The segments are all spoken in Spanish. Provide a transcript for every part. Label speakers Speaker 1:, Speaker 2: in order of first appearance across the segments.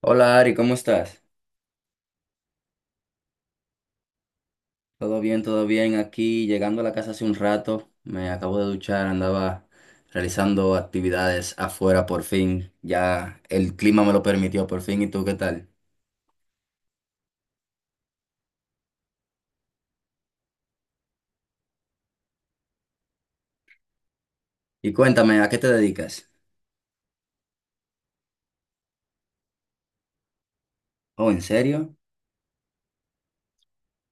Speaker 1: Hola, Ari, ¿cómo estás? Todo bien, todo bien. Aquí llegando a la casa hace un rato, me acabo de duchar, andaba realizando actividades afuera por fin. Ya el clima me lo permitió por fin. ¿Y tú qué tal? Y cuéntame, ¿a qué te dedicas? Oh, ¿en serio?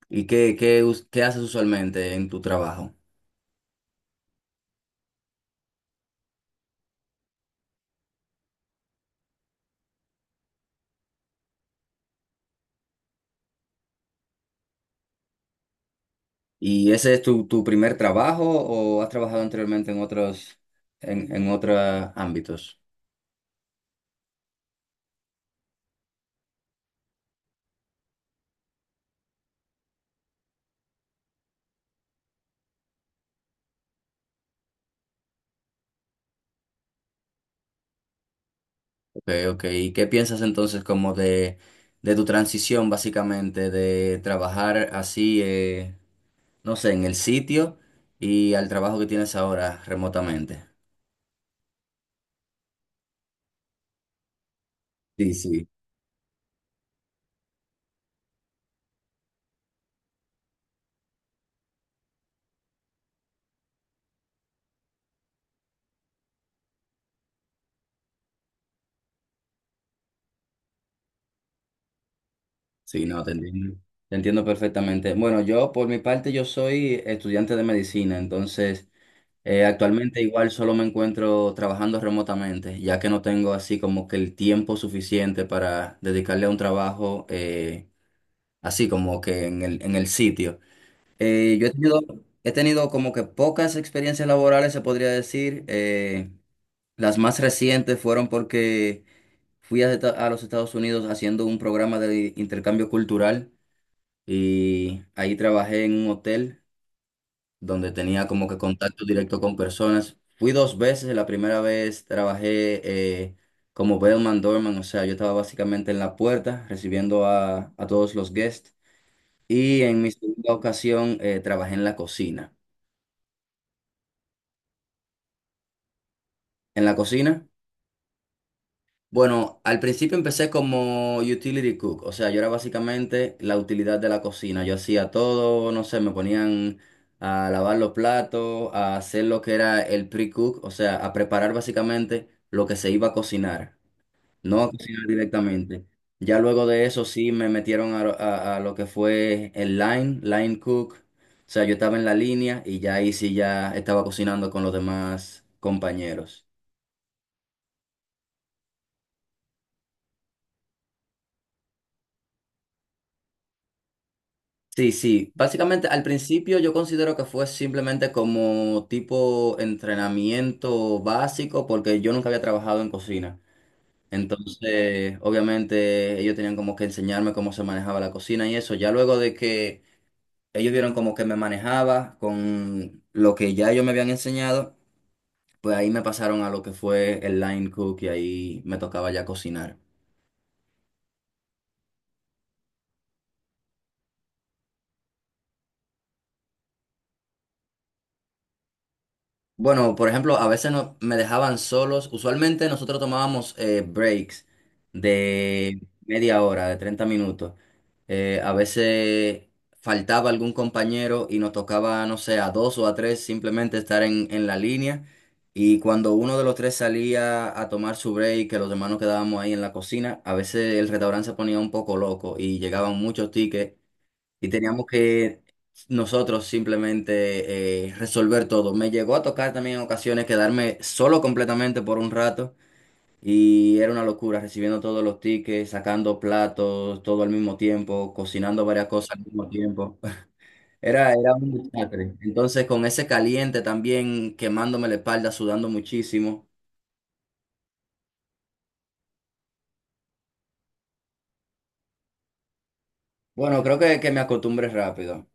Speaker 1: ¿Y qué haces usualmente en tu trabajo? ¿Y ese es tu primer trabajo o has trabajado anteriormente en en otros ámbitos? Okay, ok. ¿Y qué piensas entonces como de tu transición básicamente de trabajar así, no sé, en el sitio y al trabajo que tienes ahora remotamente? Sí, sí, sí, no, te entiendo. Te entiendo perfectamente. Bueno, yo por mi parte yo soy estudiante de medicina, entonces actualmente igual solo me encuentro trabajando remotamente, ya que no tengo así como que el tiempo suficiente para dedicarle a un trabajo así como que en el sitio. Yo he tenido como que pocas experiencias laborales, se podría decir. Las más recientes fueron porque fui a los Estados Unidos haciendo un programa de intercambio cultural y ahí trabajé en un hotel donde tenía como que contacto directo con personas. Fui dos veces, la primera vez trabajé eh, como bellman doorman, o sea, yo estaba básicamente en la puerta recibiendo a todos los guests y en mi segunda ocasión trabajé en la cocina. En la cocina. Bueno, al principio empecé como utility cook, o sea, yo era básicamente la utilidad de la cocina. Yo hacía todo, no sé, me ponían a lavar los platos, a hacer lo que era el pre-cook, o sea, a preparar básicamente lo que se iba a cocinar, no a cocinar directamente. Ya luego de eso sí me metieron a lo que fue el line cook, o sea, yo estaba en la línea y ya ahí sí ya estaba cocinando con los demás compañeros. Sí, sí. Básicamente, al principio yo considero que fue simplemente como tipo entrenamiento básico, porque yo nunca había trabajado en cocina. Entonces, obviamente, ellos tenían como que enseñarme cómo se manejaba la cocina y eso. Ya luego de que ellos vieron como que me manejaba con lo que ya ellos me habían enseñado, pues ahí me pasaron a lo que fue el line cook y ahí me tocaba ya cocinar. Bueno, por ejemplo, a veces me dejaban solos. Usualmente nosotros tomábamos breaks de media hora, de 30 minutos. A veces faltaba algún compañero y nos tocaba, no sé, a dos o a tres simplemente estar en la línea. Y cuando uno de los tres salía a tomar su break, que los demás nos quedábamos ahí en la cocina, a veces el restaurante se ponía un poco loco y llegaban muchos tickets y teníamos que nosotros simplemente resolver todo. Me llegó a tocar también en ocasiones quedarme solo completamente por un rato y era una locura recibiendo todos los tickets, sacando platos, todo al mismo tiempo, cocinando varias cosas al mismo tiempo. Era un desastre. Entonces con ese caliente también quemándome la espalda, sudando muchísimo. Bueno, creo que me acostumbré rápido.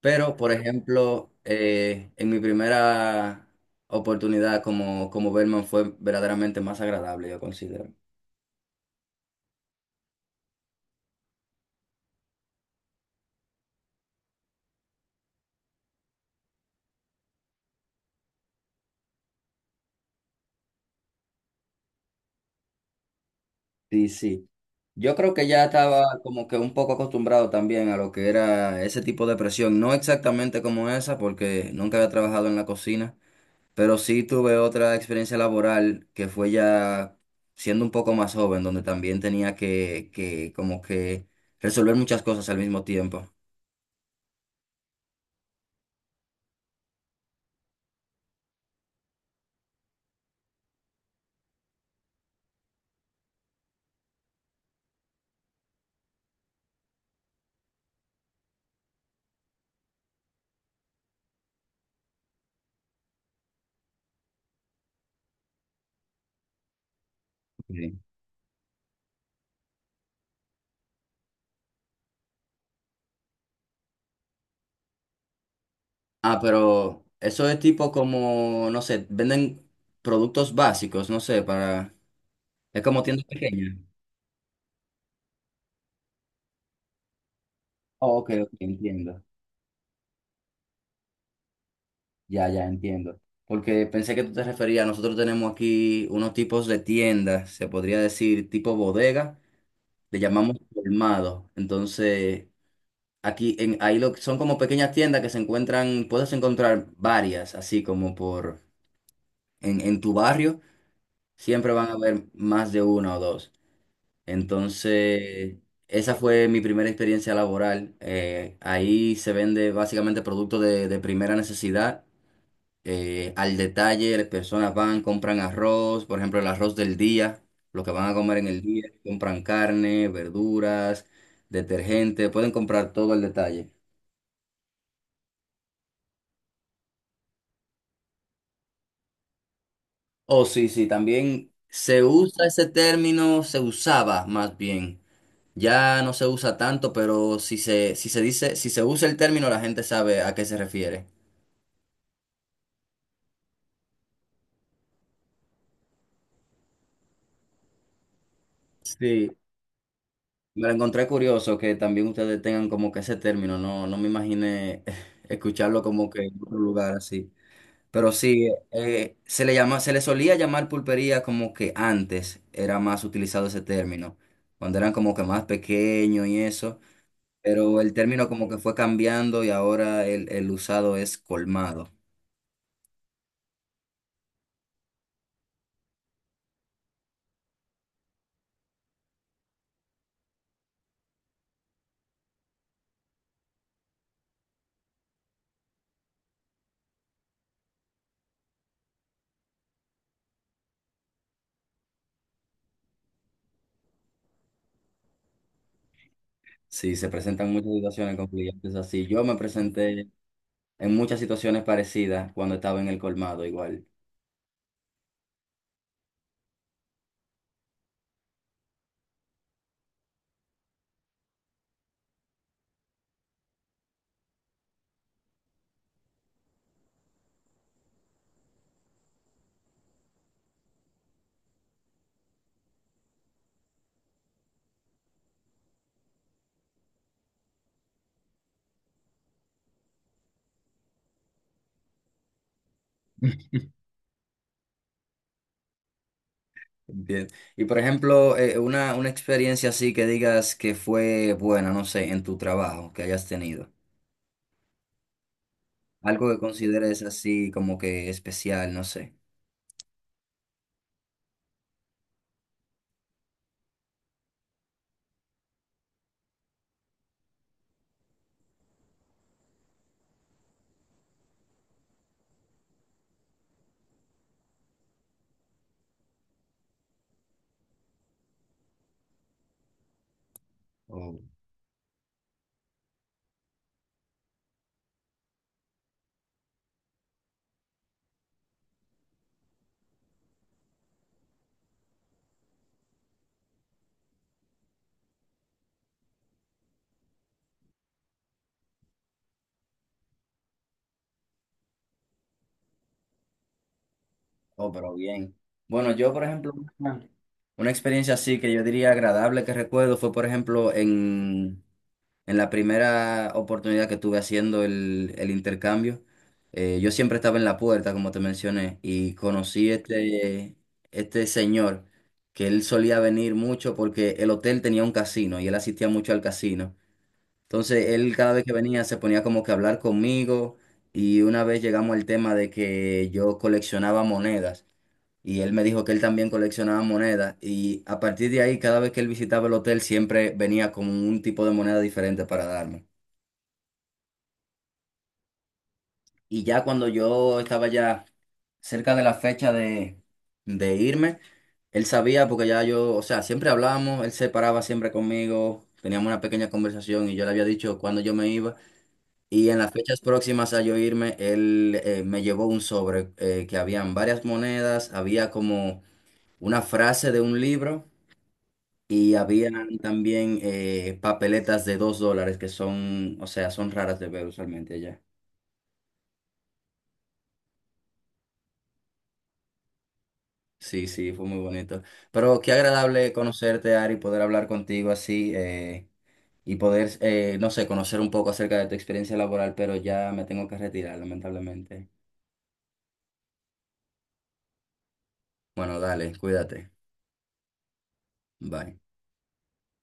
Speaker 1: Pero, por ejemplo, en mi primera oportunidad como Bellman fue verdaderamente más agradable, yo considero. Sí, sí. Yo creo que ya estaba como que un poco acostumbrado también a lo que era ese tipo de presión, no exactamente como esa, porque nunca había trabajado en la cocina, pero sí tuve otra experiencia laboral que fue ya siendo un poco más joven, donde también tenía que como que resolver muchas cosas al mismo tiempo. Ah, pero eso es tipo como, no sé, venden productos básicos, no sé, para... Es como tienda pequeña. Oh, ok, ok, entiendo. Ya, ya, entiendo. Porque pensé que tú te referías, nosotros tenemos aquí unos tipos de tiendas, se podría decir tipo bodega, le llamamos colmado. Entonces, aquí en, ahí lo, son como pequeñas tiendas que se encuentran, puedes encontrar varias, así como por en tu barrio, siempre van a haber más de una o dos. Entonces, esa fue mi primera experiencia laboral. Ahí se vende básicamente productos de primera necesidad. Al detalle, las personas van, compran arroz, por ejemplo, el arroz del día, lo que van a comer en el día, compran carne, verduras, detergente, pueden comprar todo al detalle. Oh, sí, sí, también se usa ese término, se usaba más bien. Ya no se usa tanto, pero si si se dice, si se usa el término, la gente sabe a qué se refiere. Sí, me lo encontré curioso que también ustedes tengan como que ese término, no, no me imaginé escucharlo como que en otro lugar así. Pero sí, se le se le solía llamar pulpería como que antes era más utilizado ese término, cuando eran como que más pequeños y eso, pero el término como que fue cambiando y ahora el usado es colmado. Sí, se presentan muchas situaciones con clientes así. Yo me presenté en muchas situaciones parecidas cuando estaba en el colmado igual. Bien. Y por ejemplo, una experiencia así que digas que fue buena, no sé, en tu trabajo que hayas tenido. Algo que consideres así como que especial, no sé. Oh, oh, pero bien. Bueno, yo por ejemplo, una, una experiencia así que yo diría agradable que recuerdo fue por ejemplo en la primera oportunidad que tuve haciendo el intercambio, yo siempre estaba en la puerta, como te mencioné, y conocí este señor que él solía venir mucho porque el hotel tenía un casino y él asistía mucho al casino. Entonces, él cada vez que venía se ponía como que a hablar conmigo y una vez llegamos al tema de que yo coleccionaba monedas y él me dijo que él también coleccionaba monedas y a partir de ahí, cada vez que él visitaba el hotel, siempre venía con un tipo de moneda diferente para darme. Y ya cuando yo estaba ya cerca de la fecha de irme, él sabía porque ya yo, o sea, siempre hablábamos, él se paraba siempre conmigo, teníamos una pequeña conversación y yo le había dicho cuándo yo me iba. Y en las fechas próximas a yo irme, él me llevó un sobre que habían varias monedas, había como una frase de un libro y habían también papeletas de $2 que son, o sea, son raras de ver usualmente allá. Sí, sí, fue muy bonito. Pero qué agradable conocerte, Ari, poder hablar contigo así y poder, no sé, conocer un poco acerca de tu experiencia laboral, pero ya me tengo que retirar, lamentablemente. Bueno, dale, cuídate. Bye.